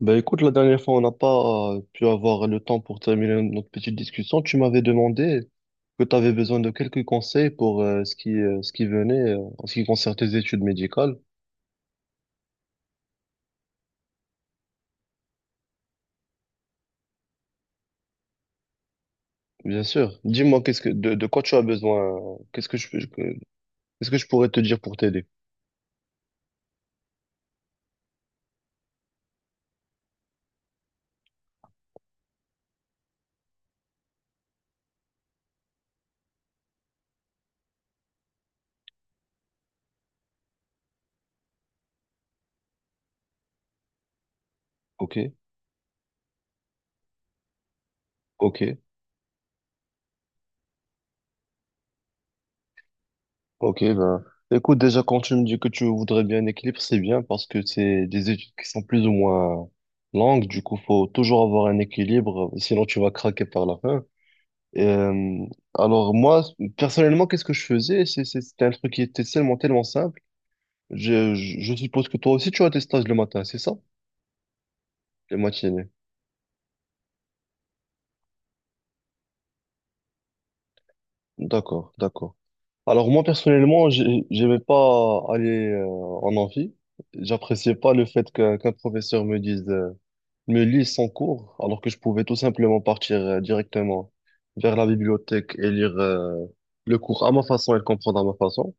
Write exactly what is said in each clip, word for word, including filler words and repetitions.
Ben écoute, la dernière fois, on n'a pas euh, pu avoir le temps pour terminer notre petite discussion. Tu m'avais demandé que tu avais besoin de quelques conseils pour euh, ce qui, euh, ce qui venait euh, en ce qui concerne tes études médicales. Bien sûr. Dis-moi, qu'est-ce que, de, de quoi tu as besoin? euh, Qu'est-ce que je, peux- que- qu'est-ce que je pourrais te dire pour t'aider? Ok, ok, ok. Ben, écoute, déjà, quand tu me dis que tu voudrais bien un équilibre, c'est bien parce que c'est des études qui sont plus ou moins euh, longues. Du coup, faut toujours avoir un équilibre, sinon tu vas craquer par la fin. Euh, alors moi, personnellement, qu'est-ce que je faisais? C'est- c'est- C'était un truc qui était tellement, tellement simple. Je, je, je suppose que toi aussi, tu as tes stages le matin, c'est ça? Les matinées. D'accord, d'accord. Alors moi, personnellement, j'ai- j'aimais pas aller euh, en amphi. J'appréciais pas le fait qu'un qu'un professeur me dise, euh, me lise son cours, alors que je pouvais tout simplement partir euh, directement vers la bibliothèque et lire euh, le cours à ma façon et le comprendre à ma façon.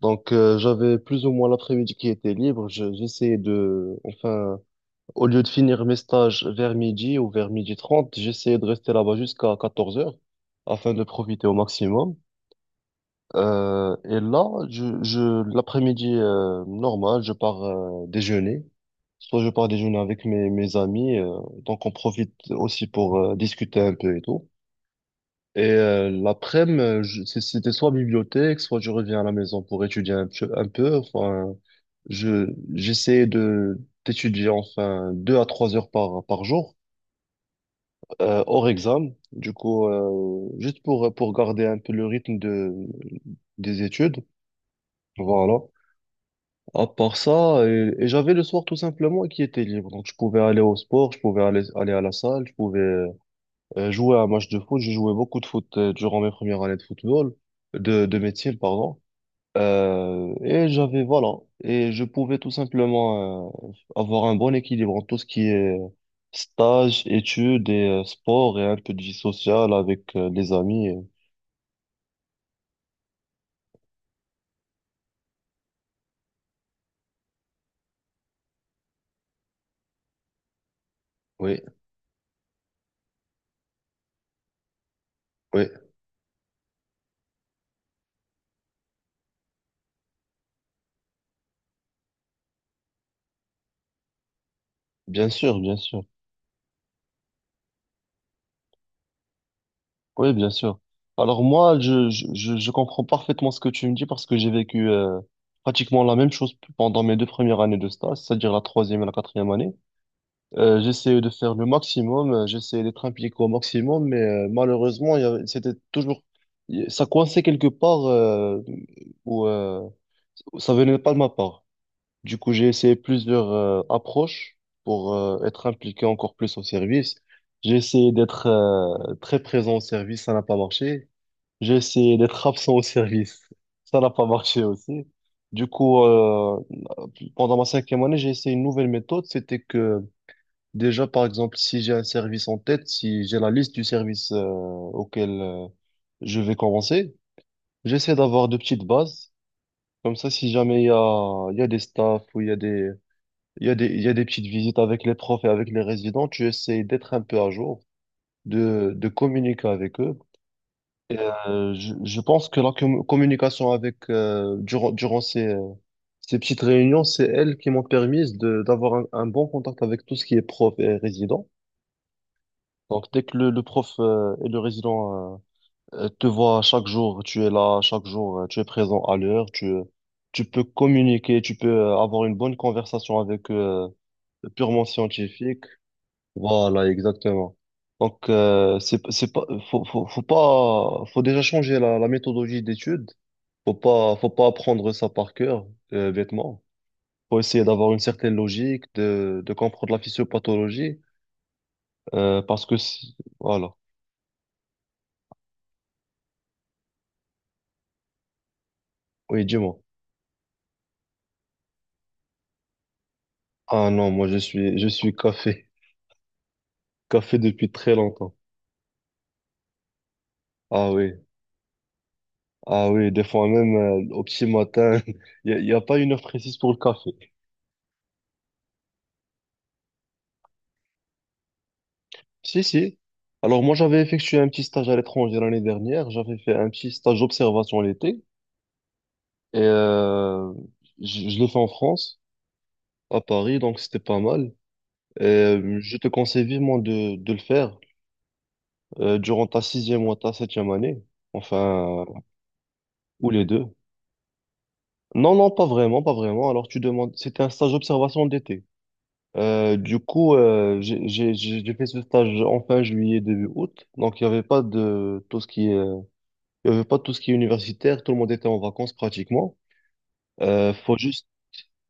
Donc, euh, j'avais plus ou moins l'après-midi qui était libre. Je- j'essayais de, enfin, au lieu de finir mes stages vers midi ou vers midi trente j'essayais de rester là-bas jusqu'à quatorze heures afin de profiter au maximum. Euh, et là, je, je, l'après-midi, euh, normal, je pars, euh, déjeuner. Soit je pars déjeuner avec mes, mes amis, euh, donc on profite aussi pour, euh, discuter un peu et tout. Et euh, l'après-midi, euh, je- c'est- c'était soit bibliothèque, soit je reviens à la maison pour étudier un peu, un peu. Enfin, je, j'essayais de, d'étudier enfin deux à trois heures par, par jour, euh, hors examen. Du coup, euh, juste pour, pour garder un peu le rythme de, des études. Voilà. À part ça, et, et j'avais le soir tout simplement qui était libre. Donc, je pouvais aller au sport, je pouvais aller, aller à la salle, je pouvais. Euh, jouer à un match de foot, j'ai joué beaucoup de foot euh, durant mes premières années de football, de, de métier, pardon. Euh, et j'avais, voilà, et je pouvais tout simplement euh, avoir un bon équilibre en tout ce qui est stage, études et euh, sport et un peu de vie sociale avec euh, les amis. et- Oui, oui, bien sûr, bien sûr. Oui, bien sûr. Alors moi, je, je, je je comprends parfaitement ce que tu me dis parce que j'ai vécu euh, pratiquement la même chose pendant mes deux premières années de stage, c'est-à-dire la troisième et la quatrième année. Euh, j'essayais de faire le maximum, euh, j'essayais d'être impliqué au maximum, mais euh, malheureusement, il y avait- c'était toujours, y- ça coinçait quelque part euh, où euh, ça venait pas de ma part. Du coup, j'ai essayé plusieurs euh, approches pour euh, être impliqué encore plus au service. J'ai essayé d'être euh, très présent au service, ça n'a pas marché. J'ai essayé d'être absent au service, ça n'a pas marché aussi. Du coup, euh, pendant ma cinquième année, j'ai essayé une nouvelle méthode, c'était que. Déjà, par exemple, si j'ai un service en tête, si j'ai la liste du service euh, auquel euh, je vais commencer, j'essaie d'avoir de petites bases. Comme ça, si jamais il y a, il y a des staffs ou il y a des, il y a des, il y a des petites visites avec les profs et avec les résidents, tu essaies d'être un peu à jour, de, de communiquer avec eux. Et, euh, je, je pense que la com- communication avec euh, durant, durant ces, euh, ces petites réunions, c'est elles qui m'ont permis de, d'avoir un, un bon contact avec tout ce qui est prof et résident. Donc, dès que le, le prof euh, et le résident euh, euh, te voient chaque jour, tu es là, chaque jour, euh, tu es présent à l'heure, tu, euh, tu peux communiquer, tu peux euh, avoir une bonne conversation avec eux, euh, purement scientifique. Voilà, exactement. Donc, euh, c'est, c'est pas, faut, faut, faut pas, faut déjà changer la, la méthodologie d'étude. Faut pas, faut pas apprendre ça par cœur, euh, bêtement. Faut essayer d'avoir une certaine logique, de, de comprendre la physiopathologie, euh, parce que, c'est- voilà. Oui, dis-moi. Ah non, moi je suis je suis café. Café depuis très longtemps. Ah oui, ah oui, des fois même euh, au petit matin, il n'y a, y a pas une heure précise pour le café. Si, si. Alors moi j'avais effectué un petit stage à l'étranger l'année dernière, j'avais fait un petit stage d'observation l'été et euh, je, je l'ai fait en France, à Paris, donc c'était pas mal. Et euh, je te conseille vivement de, de le faire euh, durant ta sixième ou ta septième année, enfin, euh, ou les deux. Non, non, pas vraiment, pas vraiment. Alors, tu demandes, c'était un stage d'observation d'été. Euh, du coup, euh, j'ai j'ai- j'ai- j'ai fait ce stage en fin juillet, début août. Donc, il y avait pas de tout ce qui est, euh, il y avait pas tout ce qui est universitaire. Tout le monde était en vacances pratiquement. Euh, faut juste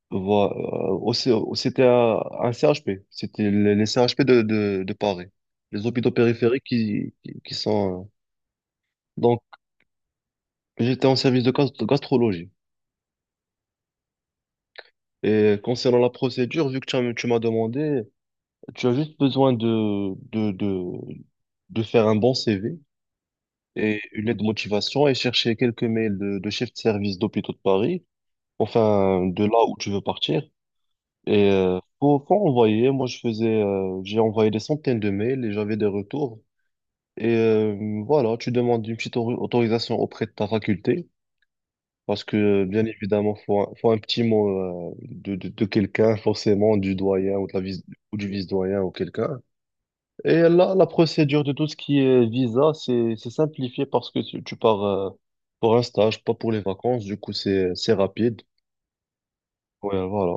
voir. euh, aussi- euh, C'était un un C H P. C'était les les C H P de, de, de Paris. Les hôpitaux périphériques qui, qui, qui sont. euh, Donc, j'étais en service de gast- gastrologie. Et concernant la procédure, vu que tu as- tu m'as demandé. Tu as juste besoin de, de, de, de faire un bon C V et une lettre de motivation et chercher quelques mails de, de chefs de service d'hôpitaux de Paris, enfin de là où tu veux partir. Et euh, faut, faut envoyer. Moi, je faisais, euh, j'ai envoyé des centaines de mails et j'avais des retours. Et euh, voilà, tu demandes une petite au- autorisation auprès de ta faculté parce que bien évidemment, faut un, faut un petit mot euh, de, de, de quelqu'un, forcément du doyen ou de la vice- ou du vice-doyen ou quelqu'un. Et là, la procédure de tout ce qui est visa, c'est c'est simplifié parce que tu, tu pars euh, pour un stage, pas pour les vacances. Du coup, c'est c'est rapide. Ouais, voilà.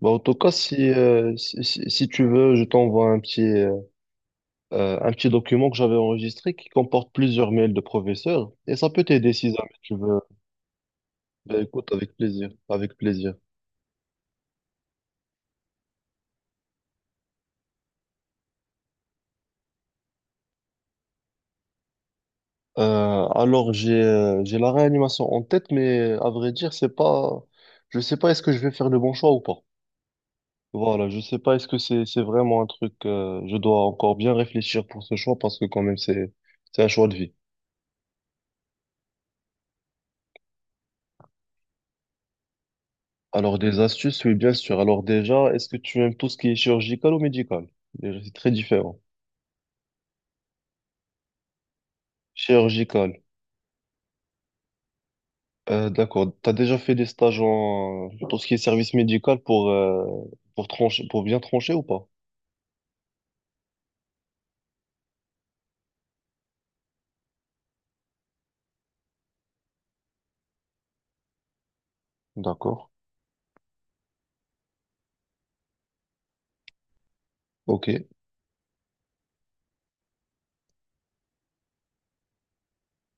Bah, en tout cas, si, euh, si, si- si tu veux, je t'envoie un petit, euh, euh, un petit document que j'avais enregistré qui comporte plusieurs mails de professeurs. Et ça peut t'aider si jamais tu veux. Bah, écoute, avec plaisir. Avec plaisir. Euh, alors, j'ai euh, j'ai la réanimation en tête, mais à vrai dire, c'est pas... Je sais pas est-ce que je vais faire le bon choix ou pas. Voilà, je sais pas, est-ce que c'est c'est vraiment un truc, euh, je dois encore bien réfléchir pour ce choix parce que quand même c'est c'est un choix de vie. Alors des astuces, oui bien sûr. Alors déjà, est-ce que tu aimes tout ce qui est chirurgical ou médical? Déjà, c'est très différent. Chirurgical, euh, d'accord. T'as déjà fait des stages en tout ce qui est service médical pour euh, pour trancher, pour bien trancher ou pas? D'accord. Ok.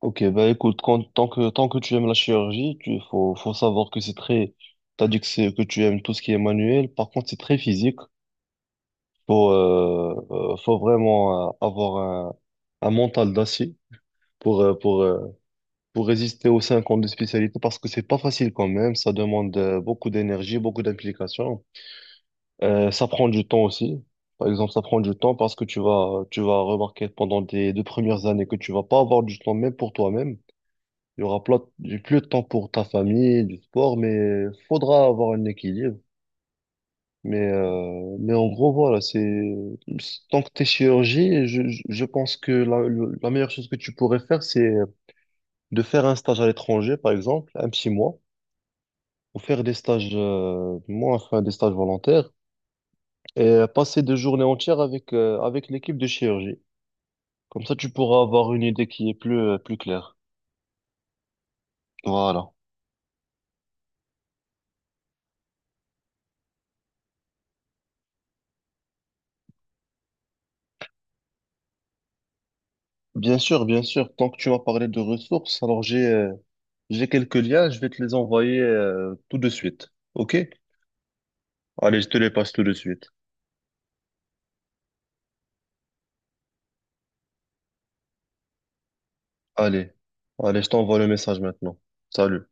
Ok. Bah écoute, quand, tant que tant que tu aimes la chirurgie, tu faut faut savoir que c'est très. T'as dit que c'est que tu aimes tout ce qui est manuel, par contre c'est très physique. Faut, euh, euh, faut vraiment euh, avoir un, un mental d'acier pour, euh, pour, euh, pour résister aux cinq ans de spécialité parce que c'est pas facile quand même. Ça demande euh, beaucoup d'énergie, beaucoup d'implication. Euh, ça prend du temps aussi. Par exemple, ça prend du temps parce que tu vas, tu vas remarquer pendant tes deux premières années que tu vas pas avoir du temps même pour toi-même. Il y aura pla- du- plus de temps pour ta famille, du sport, mais faudra avoir un équilibre. Mais, euh, mais en gros, voilà, c'est tant que t'es chirurgien, je, je je pense que la, la meilleure chose que tu pourrais faire, c'est de faire un stage à l'étranger, par exemple, un petit mois, ou faire des stages, euh, moi, enfin, des stages volontaires, et passer deux journées entières avec, euh, avec l'équipe de chirurgie. Comme ça, tu pourras avoir une idée qui est plus, euh, plus claire. Voilà. Bien sûr, bien sûr, tant que tu m'as parlé de ressources, alors j'ai, euh, j'ai quelques liens, je vais te les envoyer, euh, tout de suite. OK? Allez, je te les passe tout de suite. Allez, allez, je t'envoie le message maintenant. Salut.